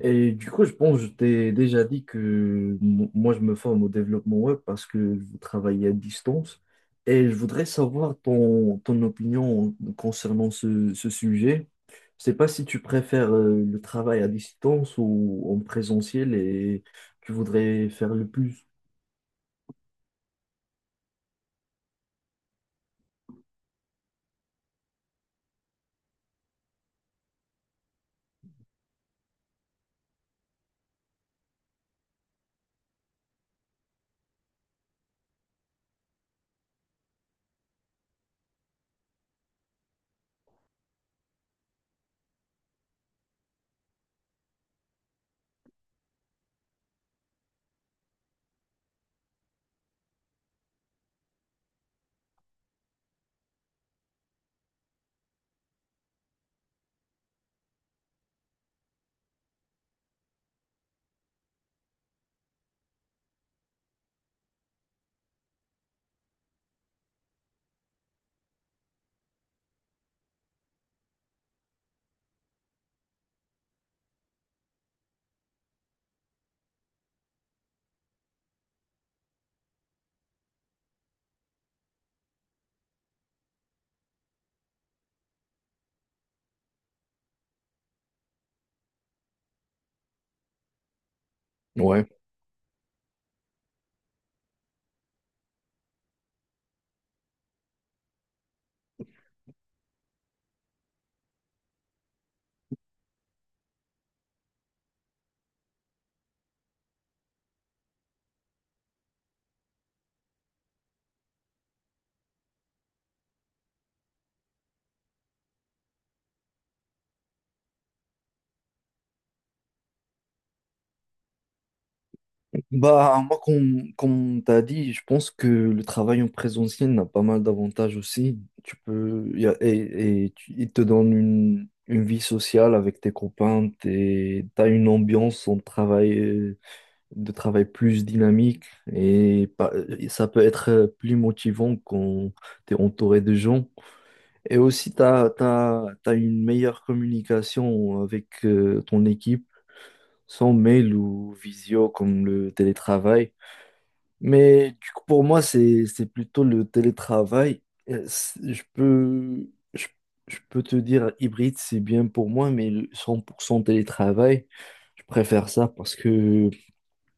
Et du coup, je pense que je t'ai déjà dit que moi, je me forme au développement web parce que je veux travailler à distance. Et je voudrais savoir ton opinion concernant ce sujet. Je sais pas si tu préfères le travail à distance ou en présentiel et tu voudrais faire le plus. Ouais. Bah, moi, comme t'as dit, je pense que le travail en présentiel a pas mal d'avantages aussi. Tu peux, y a- et tu- Il te donne une vie sociale avec tes copains, t'as une ambiance en de travail plus dynamique et, pa- et ça peut être plus motivant quand t'es entouré de gens. Et aussi, tu as, t'as, t'as, t'as une meilleure communication avec ton équipe, sans mail ou visio comme le télétravail. Mais du coup, pour moi, c'est plutôt le télétravail. Euh, c'est- Je peux, je, je peux te dire hybride, c'est bien pour moi, mais le 100% télétravail, je préfère ça parce que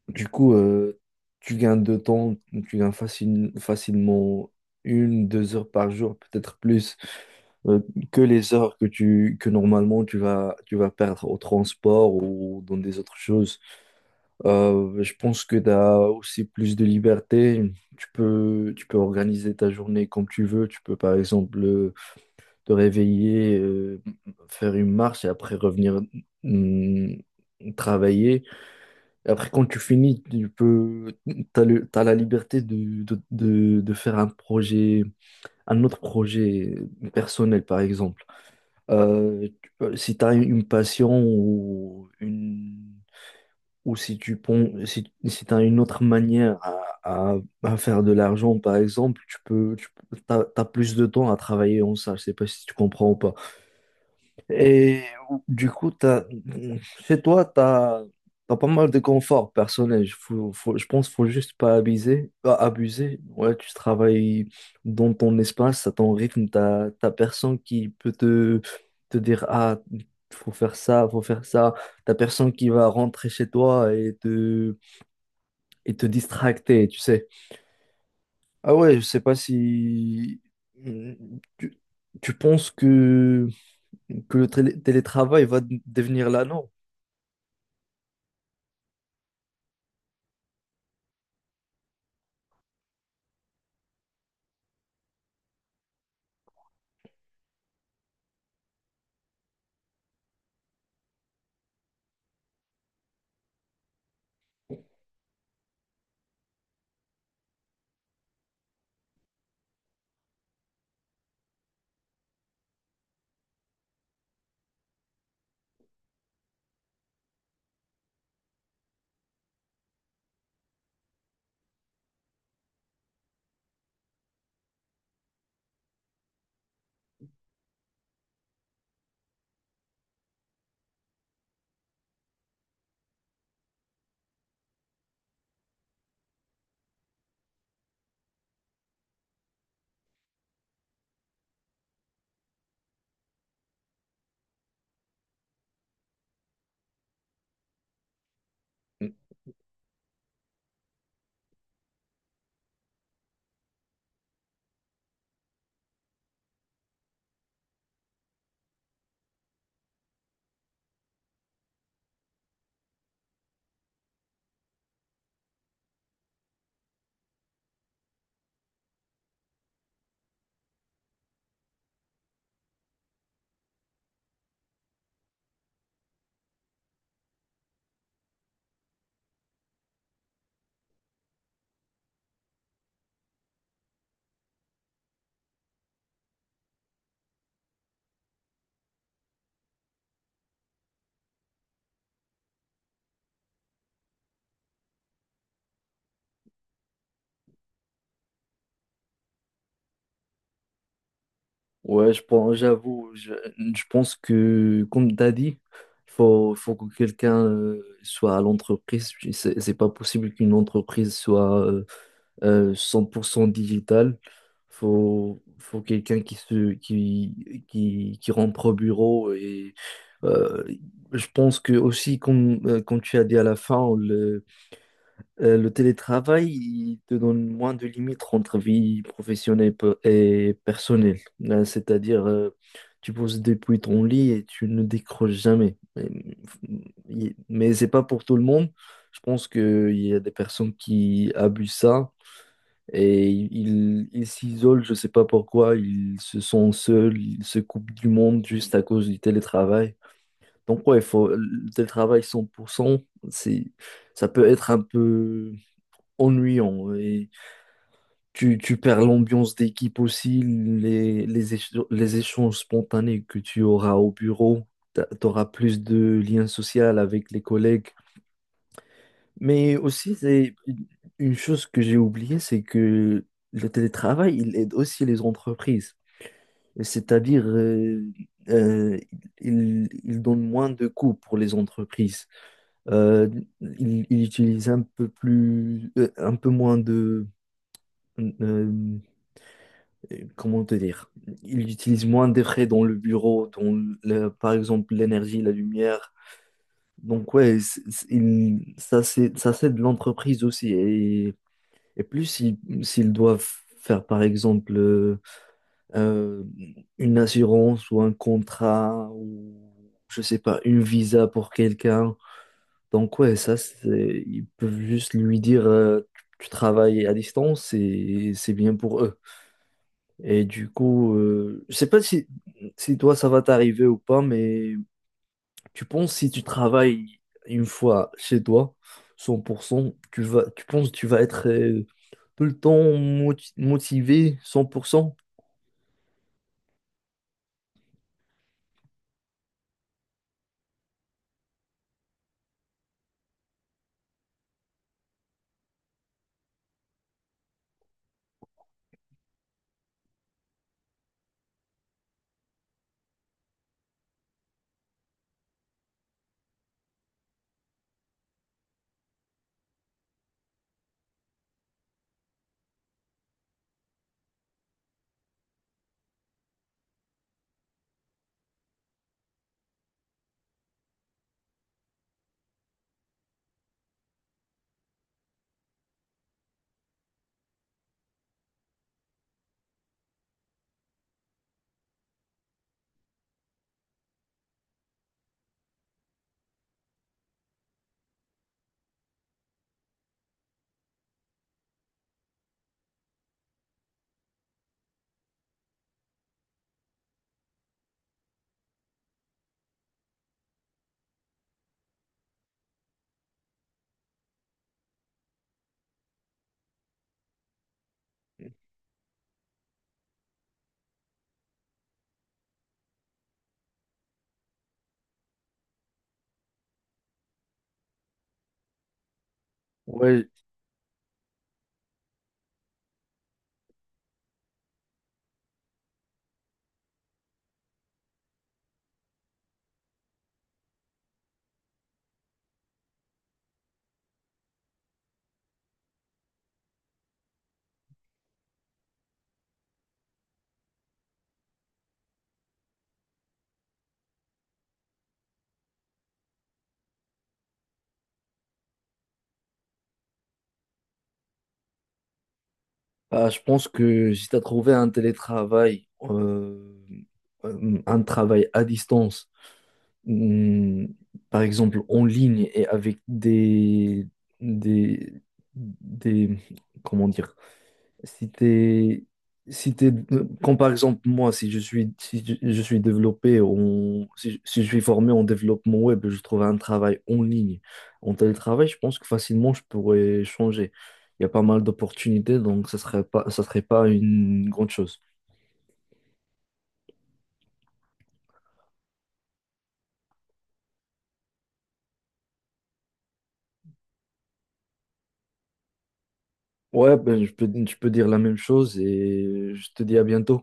du coup, tu gagnes de temps, tu gagnes facilement une, deux heures par jour, peut-être plus, euh, que les heures que normalement tu vas perdre au transport ou dans des autres choses. Je pense que tu as aussi plus de liberté. Tu peux organiser ta journée comme tu veux. Tu peux, par exemple, te réveiller, faire une marche et après revenir hum, travailler. Et après, quand tu finis, t'as la liberté de faire un autre projet personnel, par exemple. Tu si tu as une passion ou si si t'as une autre manière à- à faire de l'argent, par exemple, tu as plus de temps à travailler en ça. Je sais pas si tu comprends ou pas. Et du coup, chez toi, tu as pas mal de confort personnel. Je pense qu'il faut juste pas abuser. Pas abuser. Ouais, tu travailles dans ton espace, à ton rythme. Tu n'as personne qui peut te dire, ah, faut faire ça, faut faire ça. T'as personne qui va rentrer chez toi et te distracter, tu sais. Ah ouais, je sais pas si... Tu, tu penses que le télétravail va devenir la norme? Ouais, je pense, j'avoue, je pense que, comme tu as dit, faut que quelqu'un soit à l'entreprise. Puis c'est pas possible qu'une entreprise soit 100% digitale. Faut quelqu'un qui, se, qui rentre au bureau. Et euh, je pense que aussi, comme tu as dit à la fin, le télétravail, il te donne moins de limites entre vie professionnelle et personnelle. C'est-à-dire, tu poses depuis ton lit et tu ne décroches jamais. Mais c'est pas pour tout le monde. Je pense qu'il y a des personnes qui abusent ça et ils s'isolent, je sais pas pourquoi, ils se sentent seuls, ils se coupent du monde juste à cause du télétravail. Donc ouais, le télétravail 100%, c'est, ça peut être un peu ennuyant. Et tu perds l'ambiance d'équipe aussi, les échanges spontanés que tu auras au bureau. Tu auras plus de liens sociaux avec les collègues. Mais aussi, c'est une chose que j'ai oubliée, c'est que le télétravail, il aide aussi les entreprises. C'est-à-dire, euh, il donne moins de coûts pour les entreprises. Euh, il utilise un peu moins euh, comment te dire, ils utilisent moins de frais dans le bureau, dans par exemple l'énergie, la lumière. Donc ouais, ça c'est de l'entreprise aussi. Et plus s'ils doivent faire par exemple euh, une assurance ou un contrat ou je sais pas, une visa pour quelqu'un. Donc ouais, ça c'est ils peuvent juste lui dire tu travailles à distance et c'est bien pour eux. Et du coup, je sais pas si toi ça va t'arriver ou pas, mais tu penses si tu travailles une fois chez toi, 100% tu penses que tu vas être tout le temps motivé, cent pour cent? Ouais, bah, je pense que si tu as trouvé un travail à distance, hum, par exemple en ligne et avec des, des, comment dire, Si t'es, si t'es, comme par exemple moi, si je suis, si je, je suis développé, en- si, je si je suis formé en développement web, je trouve un travail en ligne, en télétravail, je pense que facilement je pourrais changer. Il y a pas mal d'opportunités, donc ça serait pas une grande chose. Ouais, ben, je peux dire la même chose et je te dis à bientôt.